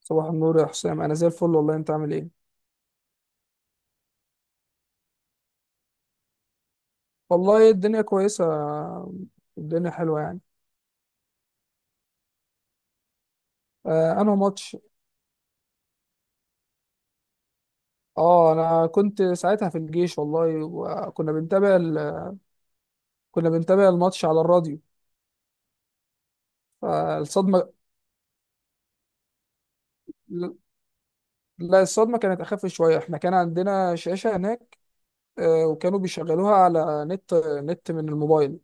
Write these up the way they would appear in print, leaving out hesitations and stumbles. صباح النور يا حسام، انا زي الفل والله. انت عامل ايه؟ والله الدنيا كويسه. الدنيا حلوه يعني. آه انا ماتش. اه انا كنت ساعتها في الجيش والله، وكنا بنتابع كنا بنتابع الماتش على الراديو. فالصدمه، لا الصدمه كانت اخف شويه، احنا كان عندنا شاشه هناك. وكانوا بيشغلوها على نت من الموبايل،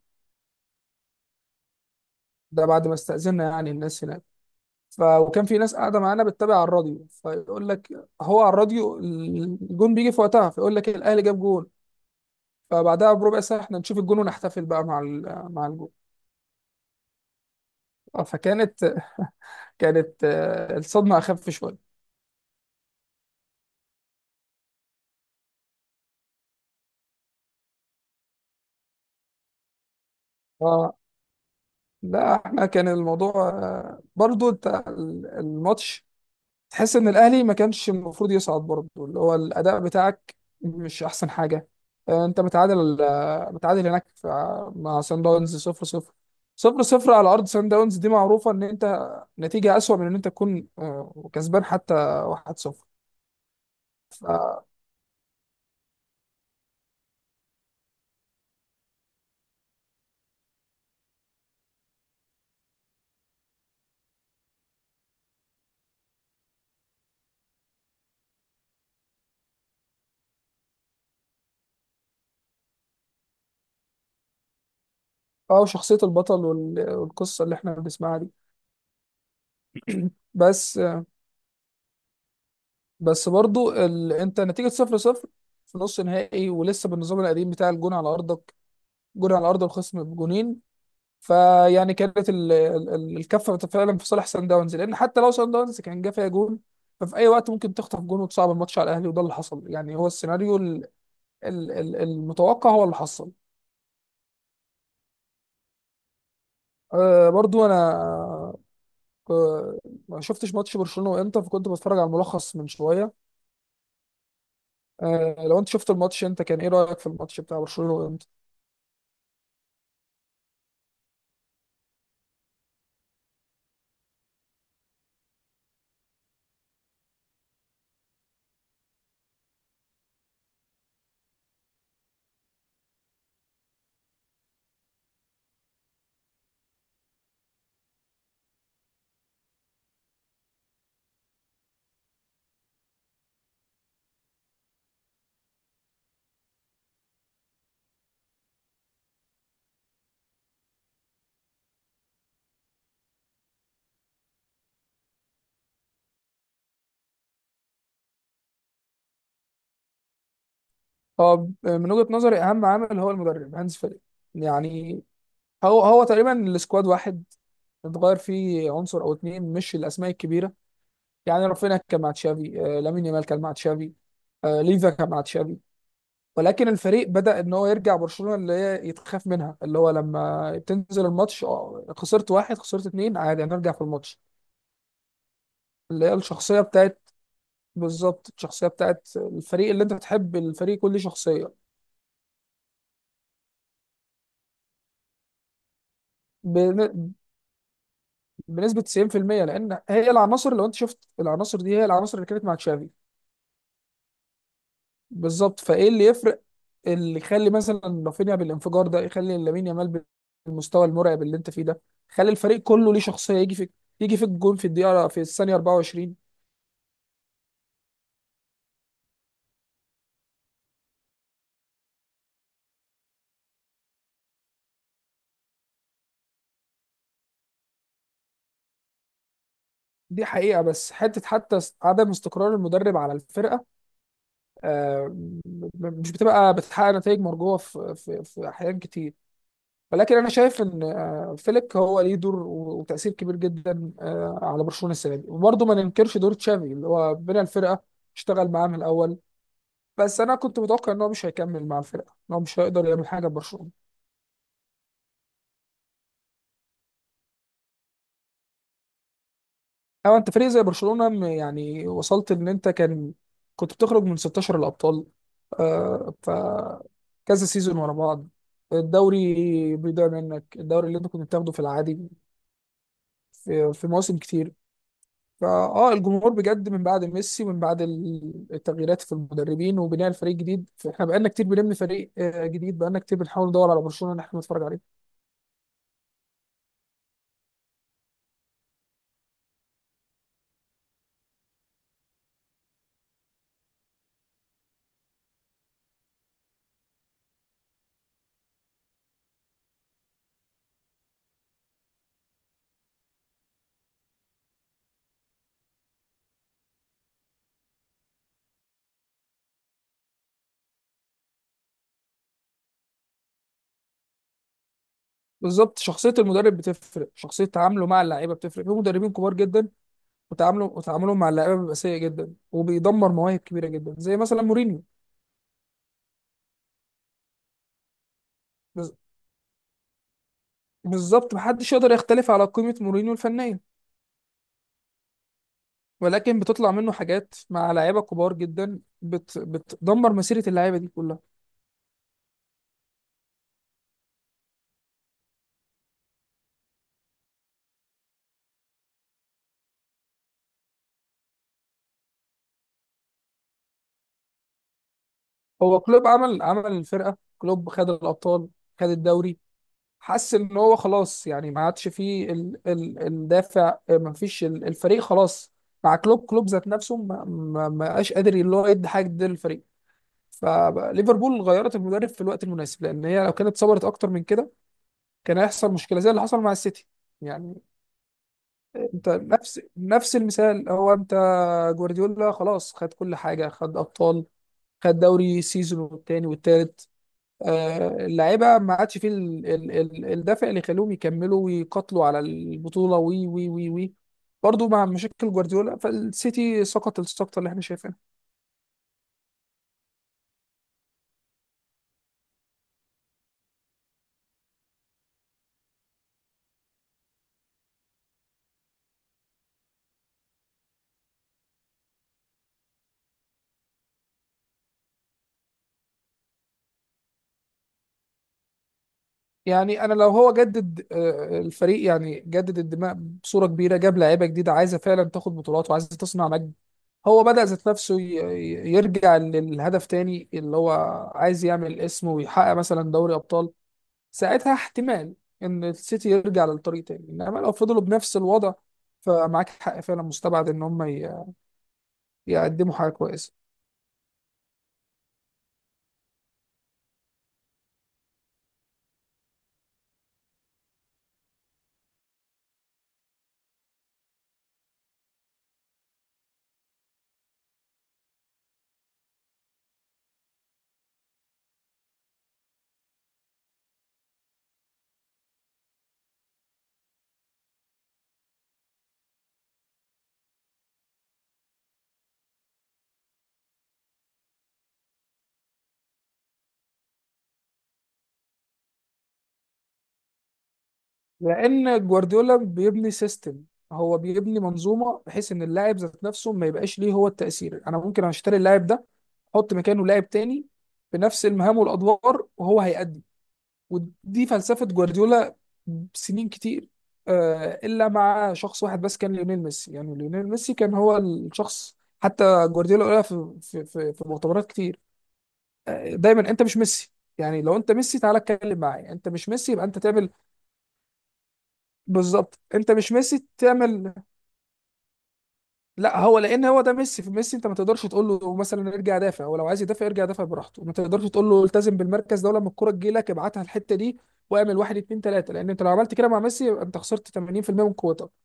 ده بعد ما استأذنا يعني الناس هناك. وكان في ناس قاعده معانا بتتابع على الراديو فيقول لك، هو على الراديو الجون بيجي في وقتها فيقول لك الاهلي جاب جون، فبعدها بربع ساعة احنا نشوف الجون ونحتفل بقى مع مع الجون. فكانت، كانت الصدمة أخف شوية. اه لا احنا كان الموضوع برضو انت الماتش، تحس ان الاهلي ما كانش المفروض يصعد برضو. اللي هو الاداء بتاعك مش احسن حاجة. انت متعادل، متعادل هناك مع سان داونز 0 0، صفر صفر على ارض سان داونز، دي معروفة ان انت نتيجة اسوأ من ان انت تكون كسبان حتى 1-0. اه وشخصية البطل والقصة اللي احنا بنسمعها دي. بس، بس برضو انت نتيجة صفر صفر في نص نهائي، ولسه بالنظام القديم بتاع الجون على ارضك، جون على ارض الخصم بجونين. فيعني كانت الكفة فعلا في صالح سان داونز، لان حتى لو سان داونز كان جه فيها جون ففي اي وقت ممكن تخطف جون وتصعب الماتش على الاهلي، وده اللي حصل. يعني هو السيناريو المتوقع هو اللي حصل. أه برضو انا آه، ما شفتش ماتش برشلونة وانتر، فكنت بتفرج على الملخص من شوية. لو انت شفت الماتش انت كان ايه رايك في الماتش بتاع برشلونه وانت طب من وجهه نظري اهم عامل هو المدرب هانز فليك يعني. هو هو تقريبا السكواد واحد، اتغير فيه عنصر او اتنين مش الاسماء الكبيره. يعني رافينيا كان مع تشافي، لامين يامال كان مع تشافي، ليفا كان مع تشافي. ولكن الفريق بدا ان هو يرجع برشلونه اللي هي يتخاف منها، اللي هو لما تنزل الماتش اه خسرت واحد خسرت اتنين عادي هنرجع في الماتش. اللي هي الشخصيه بتاعت، بالظبط الشخصية بتاعت الفريق اللي انت بتحب الفريق كل شخصية. بن- بنسبة 90% لأن هي العناصر، لو انت شفت العناصر دي هي العناصر اللي كانت مع تشافي. بالظبط، فايه اللي يفرق؟ اللي يخلي مثلا رافينيا بالانفجار ده، يخلي لامين يامال بالمستوى المرعب اللي انت فيه ده، خلي الفريق كله ليه شخصية. يجي في، يجي في الجون في الدقيقة، في الثانية 24. دي حقيقة. بس حتة، حتى عدم استقرار المدرب على الفرقة آه، مش بتبقى بتحقق نتائج مرجوة في أحيان كتير. ولكن انا شايف ان فليك هو ليه دور وتاثير كبير جدا على برشلونه السنه دي. وبرضه ما ننكرش دور تشافي اللي هو بنى الفرقه، اشتغل معاه من الاول. بس انا كنت متوقع ان هو مش هيكمل مع الفرقه، ان هو مش هيقدر يعمل حاجه ببرشلونه. او انت فريق زي برشلونه يعني وصلت ان انت كان، كنت بتخرج من 16 الابطال آه، ف كذا سيزون ورا بعض. الدوري بيضيع منك، الدوري اللي انت كنت بتاخده في العادي في مواسم كتير. فاه الجمهور بجد، من بعد ميسي ومن بعد التغييرات في المدربين وبناء الفريق جديد، فاحنا بقالنا كتير بنبني فريق جديد، بقالنا كتير بنحاول ندور على برشلونة ان احنا نتفرج عليه. بالظبط شخصية المدرب بتفرق، شخصية تعامله مع اللعيبة بتفرق. في مدربين كبار جدا وتعامله، وتعاملهم مع اللعيبة بيبقى سيء جدا وبيدمر مواهب كبيرة جدا زي مثلا مورينيو. بز- بالظبط، محدش يقدر يختلف على قيمة مورينيو الفنية، ولكن بتطلع منه حاجات مع لعيبة كبار جدا بتدمر مسيرة اللعيبة دي كلها. هو كلوب عمل، عمل الفرقه. كلوب خد الابطال، خد الدوري، حس ان هو خلاص يعني ما عادش فيه ال ال الدافع، ما فيش الفريق خلاص مع كلوب. كلوب ذات نفسه ما بقاش قادر اللي هو يدي حاجه جديدة للفريق. فليفربول غيرت المدرب في الوقت المناسب، لان هي لو كانت صبرت اكتر من كده كان هيحصل مشكله زي اللي حصل مع السيتي يعني. انت نفس المثال، هو انت جوارديولا خلاص خد كل حاجه، خد ابطال، خد دوري سيزون والتاني والتالت. اللعيبه ما عادش فيه الدافع اللي يخليهم يكملوا ويقاتلوا على البطوله وي وي وي وي برضه مع مشاكل جوارديولا، فالسيتي سقط السقطه اللي احنا شايفينها. يعني انا لو هو جدد الفريق، يعني جدد الدماء بصوره كبيره، جاب لعيبه جديده عايزه فعلا تاخد بطولات وعايزه تصنع نجم، هو بدأ ذات نفسه يرجع للهدف تاني اللي هو عايز يعمل اسم ويحقق مثلا دوري أبطال، ساعتها احتمال ان السيتي يرجع للطريق تاني. انما لو فضلوا بنفس الوضع فمعاك حق، فعلا مستبعد ان هم يقدموا حاجه كويسه. لان جوارديولا بيبني سيستم، هو بيبني منظومه بحيث ان اللاعب ذات نفسه ما يبقاش ليه هو التاثير. انا ممكن اشتري اللاعب ده، احط مكانه لاعب تاني بنفس المهام والادوار وهو هيأدي. ودي فلسفة جوارديولا سنين كتير، إلا مع شخص واحد بس كان ليونيل ميسي. يعني ليونيل ميسي كان هو الشخص، حتى جوارديولا قالها في مؤتمرات كتير، دايما أنت مش ميسي يعني. لو أنت ميسي تعالى اتكلم معايا، أنت مش ميسي يبقى أنت تعمل. بالظبط، أنت مش ميسي تعمل. لا هو، لان هو ده ميسي. في ميسي انت ما تقدرش تقول له مثلا ارجع دافع، هو لو عايز يدافع يرجع يدافع براحته، ما تقدرش تقول له التزم بالمركز ده، ولما الكرة تجي لك ابعتها الحتة دي واعمل واحد اتنين تلاتة، لان انت لو عملت كده مع ميسي يبقى انت خسرت 80% من قوتك.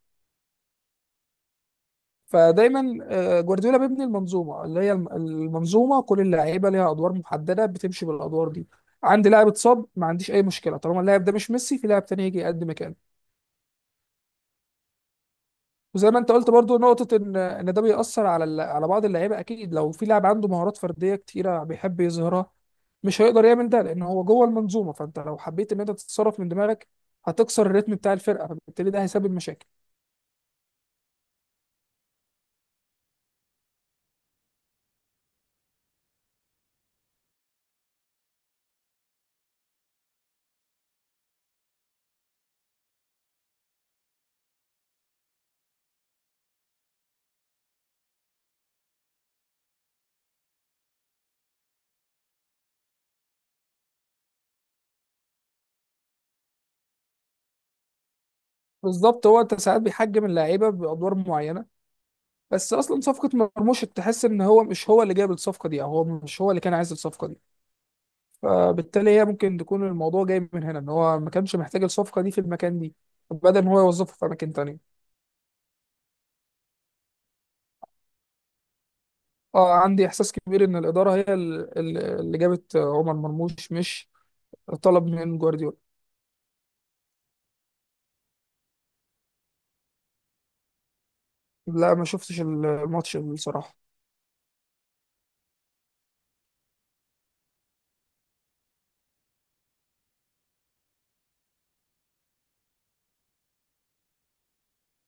فدايما جوارديولا بيبني المنظومة اللي هي المنظومة كل اللعيبة ليها ادوار محددة، بتمشي بالادوار دي. عندي لاعب اتصاب، ما عنديش اي مشكلة، طالما اللاعب ده مش ميسي في لاعب تاني يجي يقدم مكانه. وزي ما انت قلت برضو نقطة، ان ده بيأثر على على بعض اللعيبة اكيد. لو في لاعب عنده مهارات فردية كتيرة بيحب يظهرها، مش هيقدر يعمل ده لان هو جوه المنظومة. فانت لو حبيت ان انت تتصرف من دماغك هتكسر الريتم بتاع الفرقة، فبالتالي ده هيسبب مشاكل. بالظبط، هو انت ساعات بيحجم اللعيبة بأدوار معينة، بس اصلا صفقة مرموش تحس ان هو مش هو اللي جايب الصفقة دي، او هو مش هو اللي كان عايز الصفقة دي، فبالتالي هي ممكن تكون الموضوع جاي من هنا. ان هو ما كانش محتاج الصفقة دي في المكان دي بدل ان هو يوظفه في اماكن تانية. اه عندي احساس كبير ان الاداره هي اللي جابت عمر مرموش مش طلب من جوارديولا. لا ما شفتش الماتش بصراحه.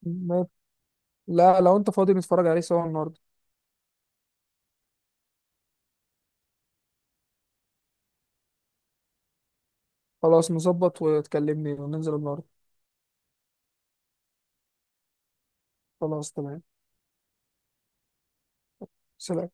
ما- لا لو انت فاضي نتفرج عليه سوا النهارده. خلاص نظبط وتكلمني وننزل النهارده. خلاص تمام. سلام.